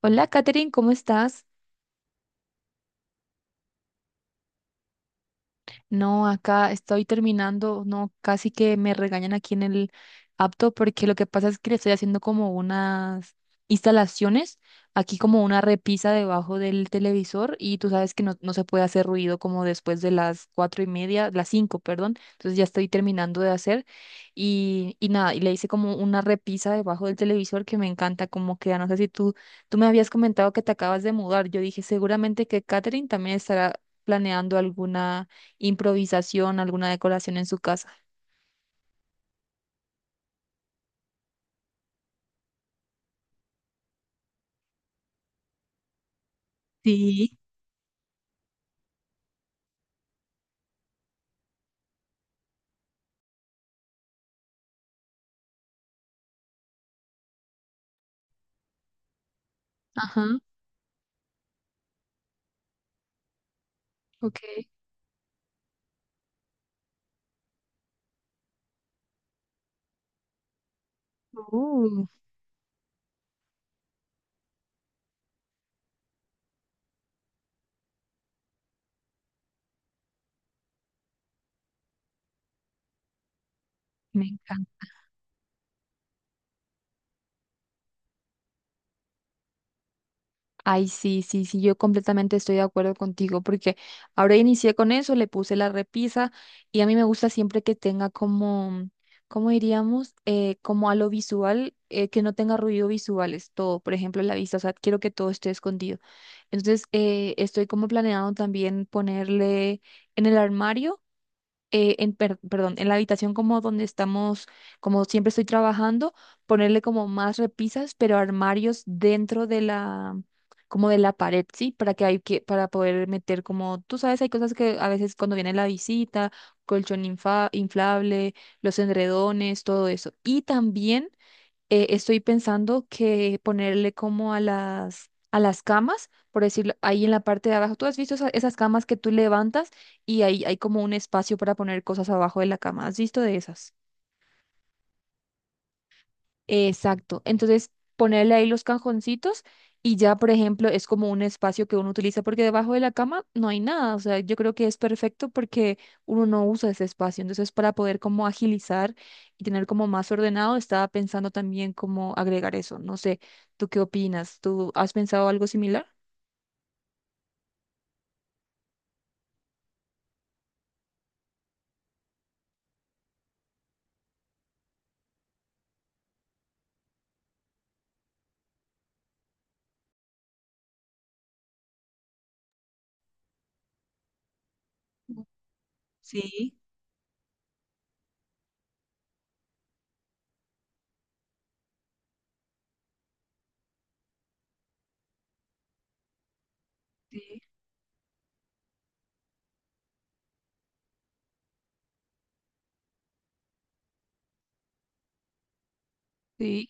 Hola, Katherine, ¿cómo estás? No, acá estoy terminando, no, casi que me regañan aquí en el apto porque lo que pasa es que le estoy haciendo como unas instalaciones, aquí como una repisa debajo del televisor y tú sabes que no se puede hacer ruido como después de las cuatro y media, las cinco, perdón, entonces ya estoy terminando de hacer y nada, y le hice como una repisa debajo del televisor que me encanta como queda, no sé si tú me habías comentado que te acabas de mudar, yo dije seguramente que Katherine también estará planeando alguna improvisación, alguna decoración en su casa. Sí. Ajá, ok. Uh, me encanta. Ay, sí, sí, sí, yo completamente estoy de acuerdo contigo porque ahora inicié con eso, le puse la repisa y a mí me gusta siempre que tenga como, ¿cómo diríamos? Como a lo visual, que no tenga ruido visuales, todo, por ejemplo, la vista, o sea, quiero que todo esté escondido. Entonces, estoy como planeando también ponerle en el armario. Perdón, en la habitación como donde estamos, como siempre estoy trabajando, ponerle como más repisas, pero armarios dentro de como de la pared, ¿sí? Para que hay que, para poder meter como, tú sabes, hay cosas que a veces cuando viene la visita, colchón inflable, los edredones, todo eso. Y también estoy pensando que ponerle como a a las camas, por decirlo, ahí en la parte de abajo. ¿Tú has visto esas camas que tú levantas y ahí hay como un espacio para poner cosas abajo de la cama? ¿Has visto de esas? Exacto. Entonces, ponerle ahí los cajoncitos y ya, por ejemplo, es como un espacio que uno utiliza porque debajo de la cama no hay nada. O sea, yo creo que es perfecto porque uno no usa ese espacio. Entonces, para poder como agilizar y tener como más ordenado, estaba pensando también cómo agregar eso. No sé, ¿tú qué opinas? ¿Tú has pensado algo similar? Sí, sí,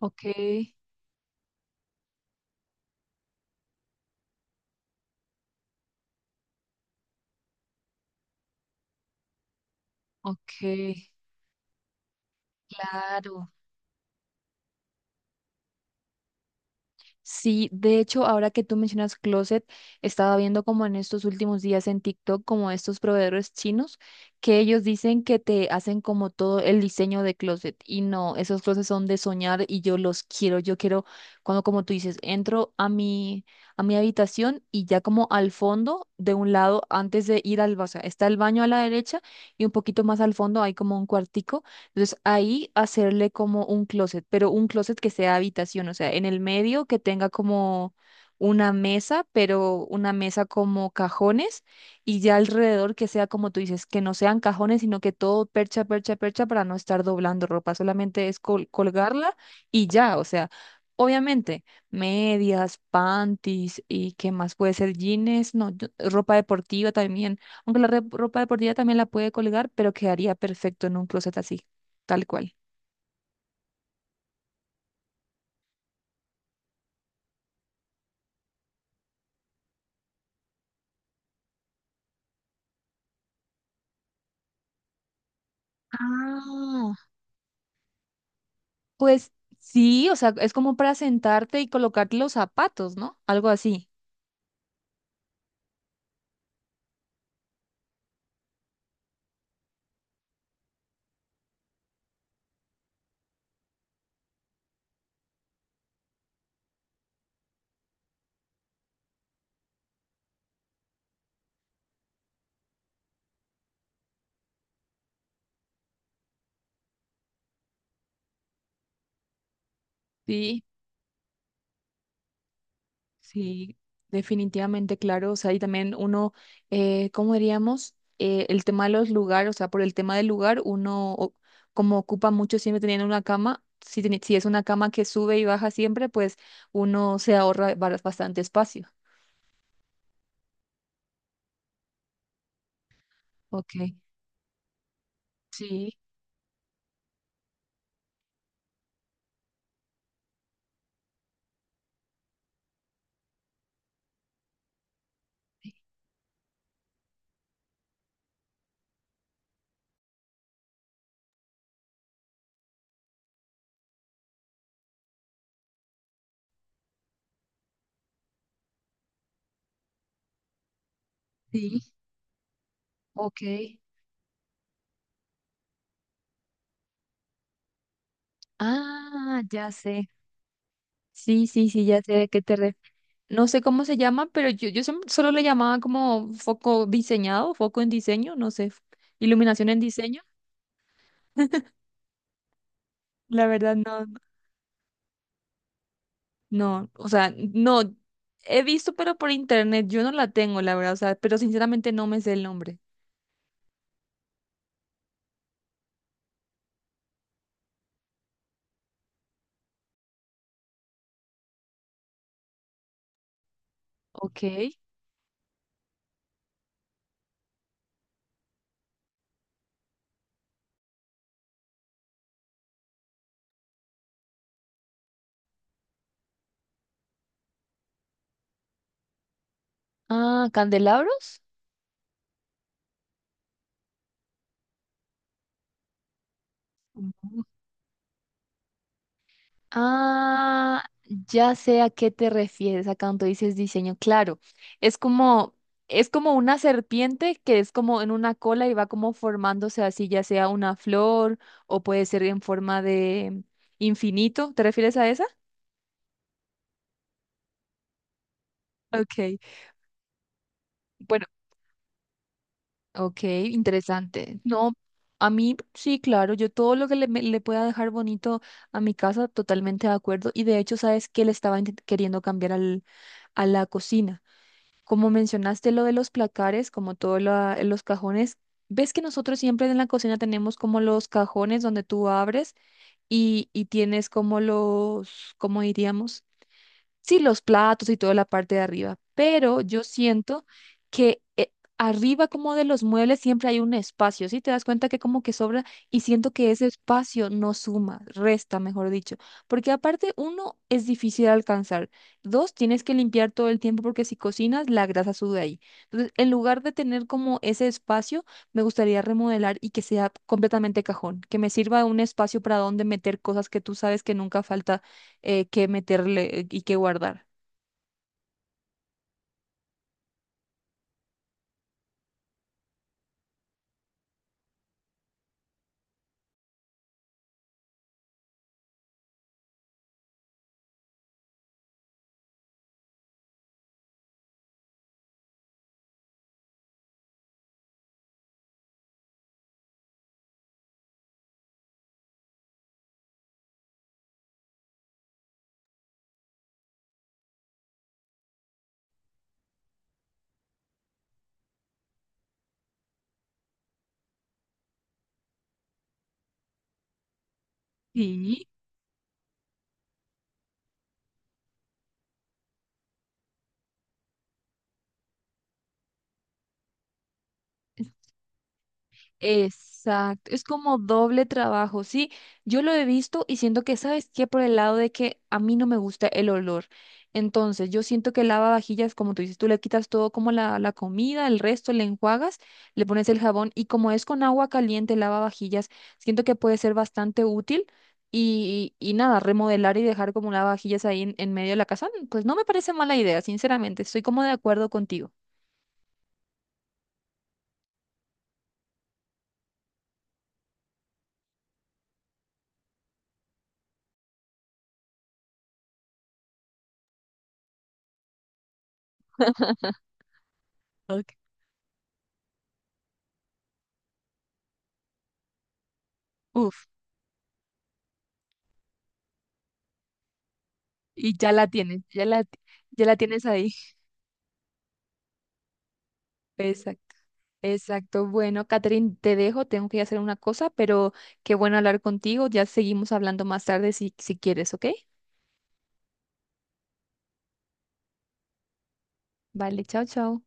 ok, ok, claro. Sí, de hecho, ahora que tú mencionas closet, estaba viendo como en estos últimos días en TikTok, como estos proveedores chinos, que ellos dicen que te hacen como todo el diseño de closet. Y no, esos closets son de soñar y yo los quiero. Yo quiero, cuando como tú dices, entro a a mi habitación y ya como al fondo, de un lado, antes de ir o sea, está el baño a la derecha y un poquito más al fondo hay como un cuartico entonces ahí hacerle como un closet, pero un closet que sea habitación, o sea, en el medio que tenga como una mesa, pero una mesa como cajones y ya alrededor que sea como tú dices, que no sean cajones, sino que todo percha, percha, percha para no estar doblando ropa, solamente es colgarla y ya, o sea, obviamente medias, panties y qué más puede ser jeans, no, ropa deportiva también, aunque la ropa deportiva también la puede colgar, pero quedaría perfecto en un closet así tal cual. Ah, pues sí, o sea, es como para sentarte y colocarte los zapatos, ¿no? Algo así. Sí, sí, definitivamente, claro. O sea, y también uno, ¿cómo diríamos? El tema de los lugares, o sea, por el tema del lugar, como ocupa mucho siempre teniendo una cama, si, si es una cama que sube y baja siempre, pues uno se ahorra bastante espacio. Ok, sí, sí, ok. Ah, ya sé. Sí, sí, sí, ya sé de qué te refieres. No sé cómo se llama, pero yo solo le llamaba como foco diseñado, foco en diseño, no sé, iluminación en diseño. La verdad, no, no, o sea, no, he visto, pero por internet, yo no la tengo, la verdad, o sea, pero sinceramente no me sé el nombre. Ok. Ah, candelabros. Ah, ya sé a qué te refieres a cuando dices diseño. Claro, es como, es como una serpiente que es como en una cola y va como formándose así, ya sea una flor o puede ser en forma de infinito. ¿Te refieres a esa? Ok, bueno, ok, interesante. No, a mí sí, claro, yo todo lo que le pueda dejar bonito a mi casa, totalmente de acuerdo. Y de hecho, ¿sabes qué le estaba queriendo cambiar a la cocina? Como mencionaste lo de los placares, como todos los cajones, ves que nosotros siempre en la cocina tenemos como los cajones donde tú abres y tienes como los, ¿cómo diríamos? Sí, los platos y toda la parte de arriba, pero yo siento que arriba como de los muebles siempre hay un espacio, ¿sí? Te das cuenta que como que sobra y siento que ese espacio no suma, resta, mejor dicho, porque aparte uno es difícil de alcanzar, dos tienes que limpiar todo el tiempo porque si cocinas la grasa sube ahí. Entonces, en lugar de tener como ese espacio, me gustaría remodelar y que sea completamente cajón, que me sirva un espacio para donde meter cosas que tú sabes que nunca falta que meterle y que guardar. Sí. Exacto, es como doble trabajo, sí. Yo lo he visto y siento que, ¿sabes qué? Por el lado de que a mí no me gusta el olor. Entonces, yo siento que lavavajillas, como tú dices, tú le quitas todo como la comida, el resto le enjuagas, le pones el jabón y como es con agua caliente lavavajillas, siento que puede ser bastante útil y nada, remodelar y dejar como lavavajillas ahí en medio de la casa, pues no me parece mala idea, sinceramente, estoy como de acuerdo contigo. Uf, y ya la tienes, ya la tienes ahí. Exacto, exacto. Bueno, Catherine, te dejo, tengo que ir a hacer una cosa, pero qué bueno hablar contigo. Ya seguimos hablando más tarde si quieres, ¿ok? Vale, chao, chao.